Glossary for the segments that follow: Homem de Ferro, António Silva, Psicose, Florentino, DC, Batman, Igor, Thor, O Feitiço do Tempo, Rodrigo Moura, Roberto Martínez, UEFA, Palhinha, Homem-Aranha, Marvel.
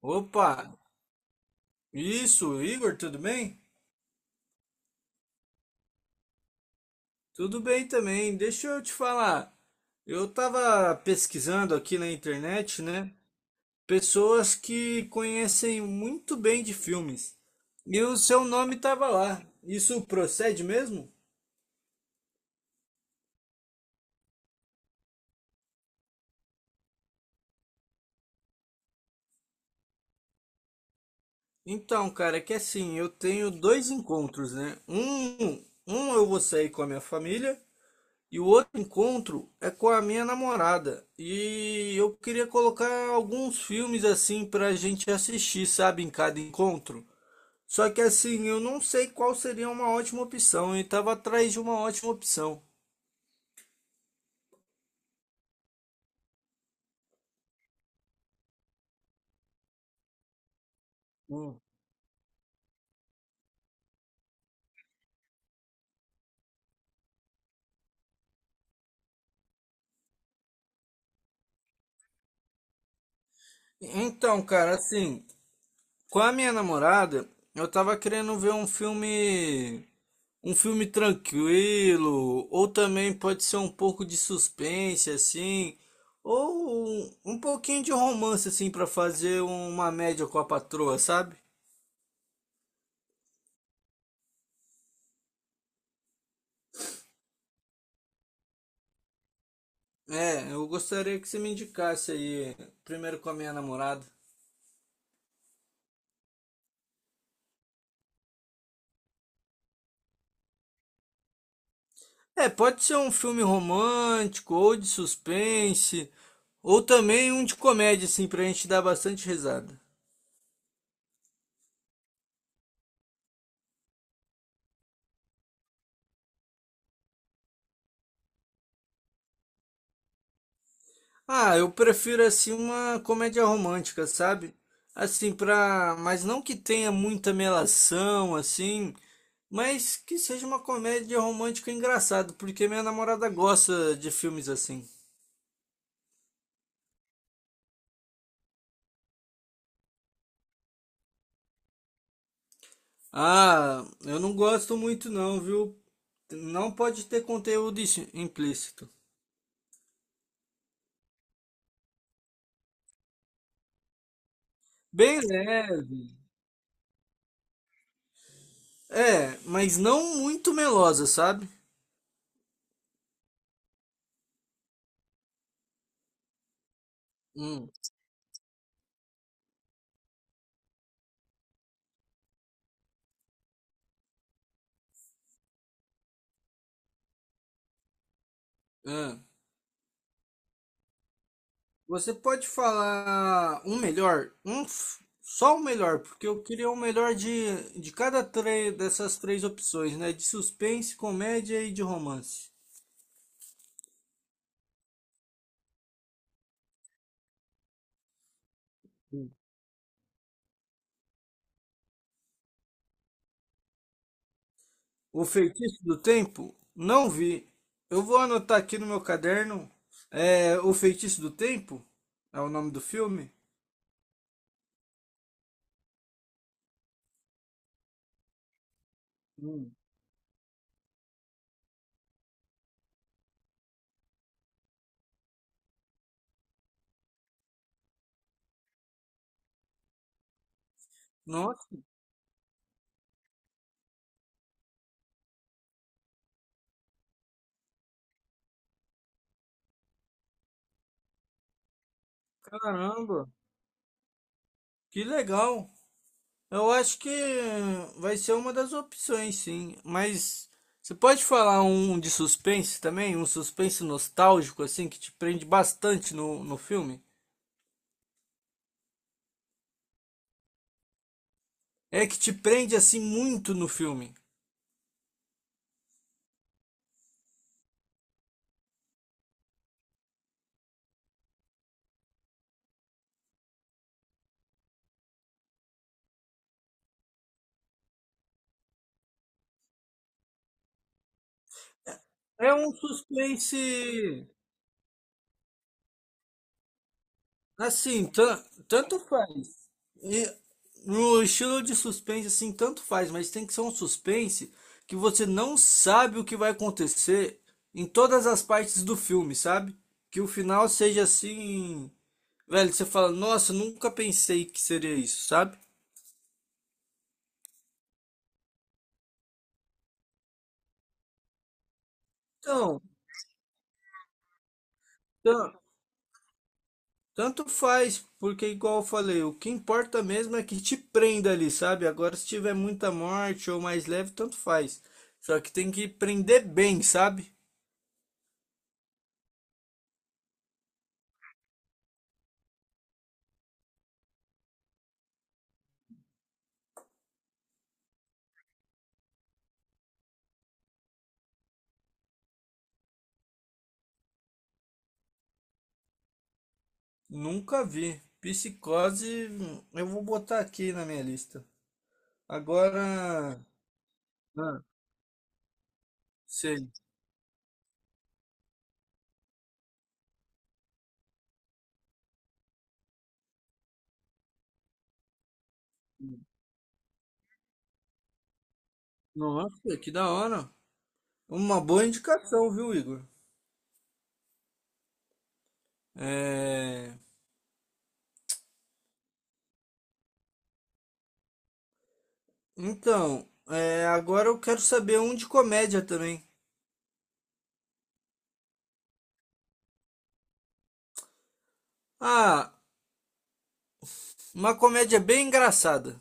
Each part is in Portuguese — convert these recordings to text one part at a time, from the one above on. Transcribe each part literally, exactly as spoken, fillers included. Opa! Isso, Igor, tudo bem? Tudo bem também. Deixa eu te falar. Eu tava pesquisando aqui na internet, né? Pessoas que conhecem muito bem de filmes. E o seu nome tava lá. Isso procede mesmo? Então, cara, é que assim, eu tenho dois encontros, né? Um, um eu vou sair com a minha família. E o outro encontro é com a minha namorada. E eu queria colocar alguns filmes assim pra gente assistir, sabe, em cada encontro. Só que assim, eu não sei qual seria uma ótima opção e tava atrás de uma ótima opção. Hum. Então, cara, assim, com a minha namorada, eu tava querendo ver um filme. Um filme tranquilo, ou também pode ser um pouco de suspense, assim, ou um, um pouquinho de romance, assim, para fazer uma média com a patroa, sabe? É, eu gostaria que você me indicasse aí, primeiro com a minha namorada. É, pode ser um filme romântico, ou de suspense, ou também um de comédia, assim, pra gente dar bastante risada. Ah, eu prefiro assim uma comédia romântica, sabe? Assim, pra. Mas não que tenha muita melação, assim. Mas que seja uma comédia romântica engraçada, porque minha namorada gosta de filmes assim. Ah, eu não gosto muito não, viu? Não pode ter conteúdo ix- implícito. Bem leve. É, mas não muito melosa, sabe? Hum, é. Você pode falar um melhor, um f- só o melhor, porque eu queria o melhor de, de cada três dessas três opções, né? De suspense, comédia e de romance. Hum. O Feitiço do Tempo? Não vi. Eu vou anotar aqui no meu caderno. É, O Feitiço do Tempo é o nome do filme. Hum. Nossa, caramba, que legal. Eu acho que vai ser uma das opções, sim. Mas você pode falar um de suspense também? Um suspense nostálgico, assim, que te prende bastante no, no filme? É que te prende, assim, muito no filme. É um suspense. Assim, tan- tanto faz. E no estilo de suspense, assim, tanto faz, mas tem que ser um suspense que você não sabe o que vai acontecer em todas as partes do filme, sabe? Que o final seja assim. Velho, você fala, nossa, nunca pensei que seria isso, sabe? Então, tan- tanto faz, porque igual eu falei, o que importa mesmo é que te prenda ali, sabe? Agora, se tiver muita morte ou mais leve, tanto faz. Só que tem que prender bem, sabe? Nunca vi. Psicose, hum, eu vou botar aqui na minha lista. Agora, ah, sei. Nossa, que da hora. Uma boa indicação, viu, Igor? É... Então, é, agora eu quero saber um de comédia também. Ah, uma comédia bem engraçada.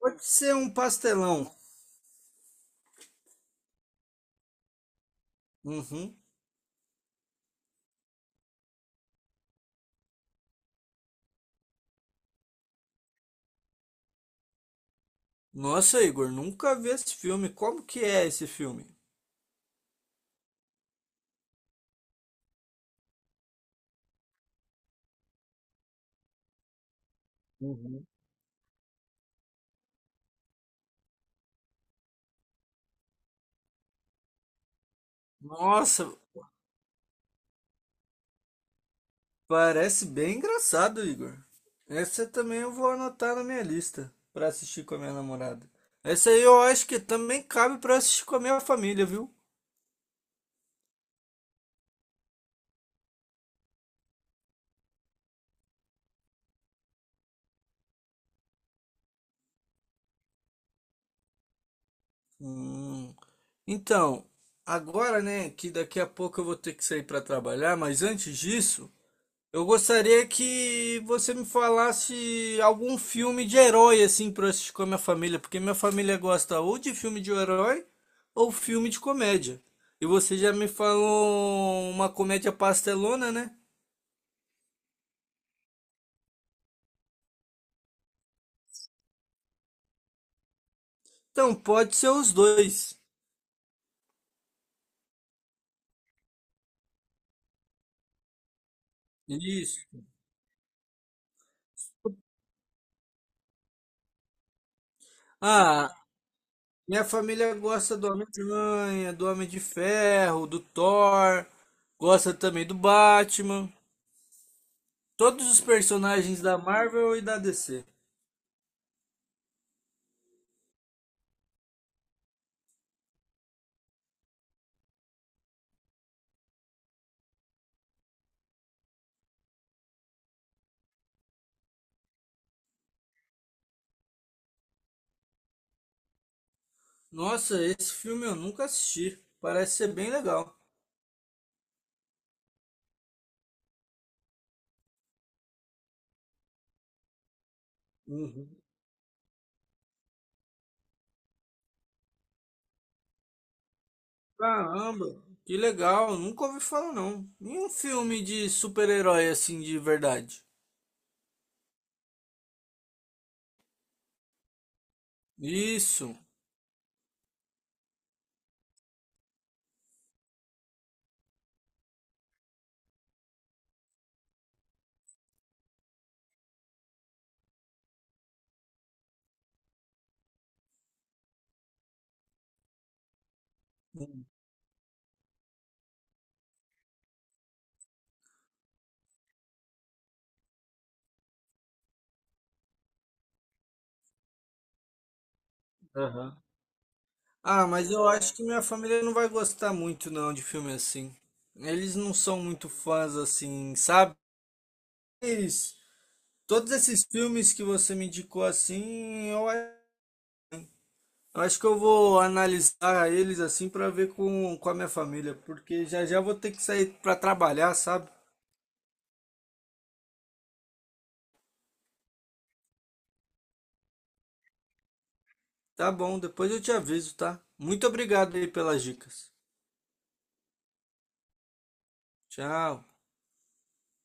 Pode ser um pastelão. Uhum. Nossa, Igor, nunca vi esse filme. Como que é esse filme? Uhum. Nossa, parece bem engraçado, Igor. Essa também eu vou anotar na minha lista pra assistir com a minha namorada. Essa aí eu acho que também cabe pra assistir com a minha família, viu? Hum. Então, agora, né, que daqui a pouco eu vou ter que sair para trabalhar, mas antes disso, eu gostaria que você me falasse algum filme de herói assim para assistir com a minha família, porque minha família gosta ou de filme de herói ou filme de comédia. E você já me falou uma comédia pastelona, né? Então, pode ser os dois. Isso. Ah, minha família gosta do Homem-Aranha, do Homem de Ferro, do Thor, gosta também do Batman, todos os personagens da Marvel e da D C. Nossa, esse filme eu nunca assisti. Parece ser bem legal. Uhum. Caramba, que legal, nunca ouvi falar não. Nenhum filme de super-herói assim de verdade. Isso. Aham. Ah, mas eu acho que minha família não vai gostar muito não de filme assim. Eles não são muito fãs assim, sabe? Mas todos esses filmes que você me indicou assim, eu a- eu acho que eu vou analisar eles assim pra ver com, com a minha família, porque já já vou ter que sair pra trabalhar, sabe? Tá bom, depois eu te aviso, tá? Muito obrigado aí pelas dicas. Tchau.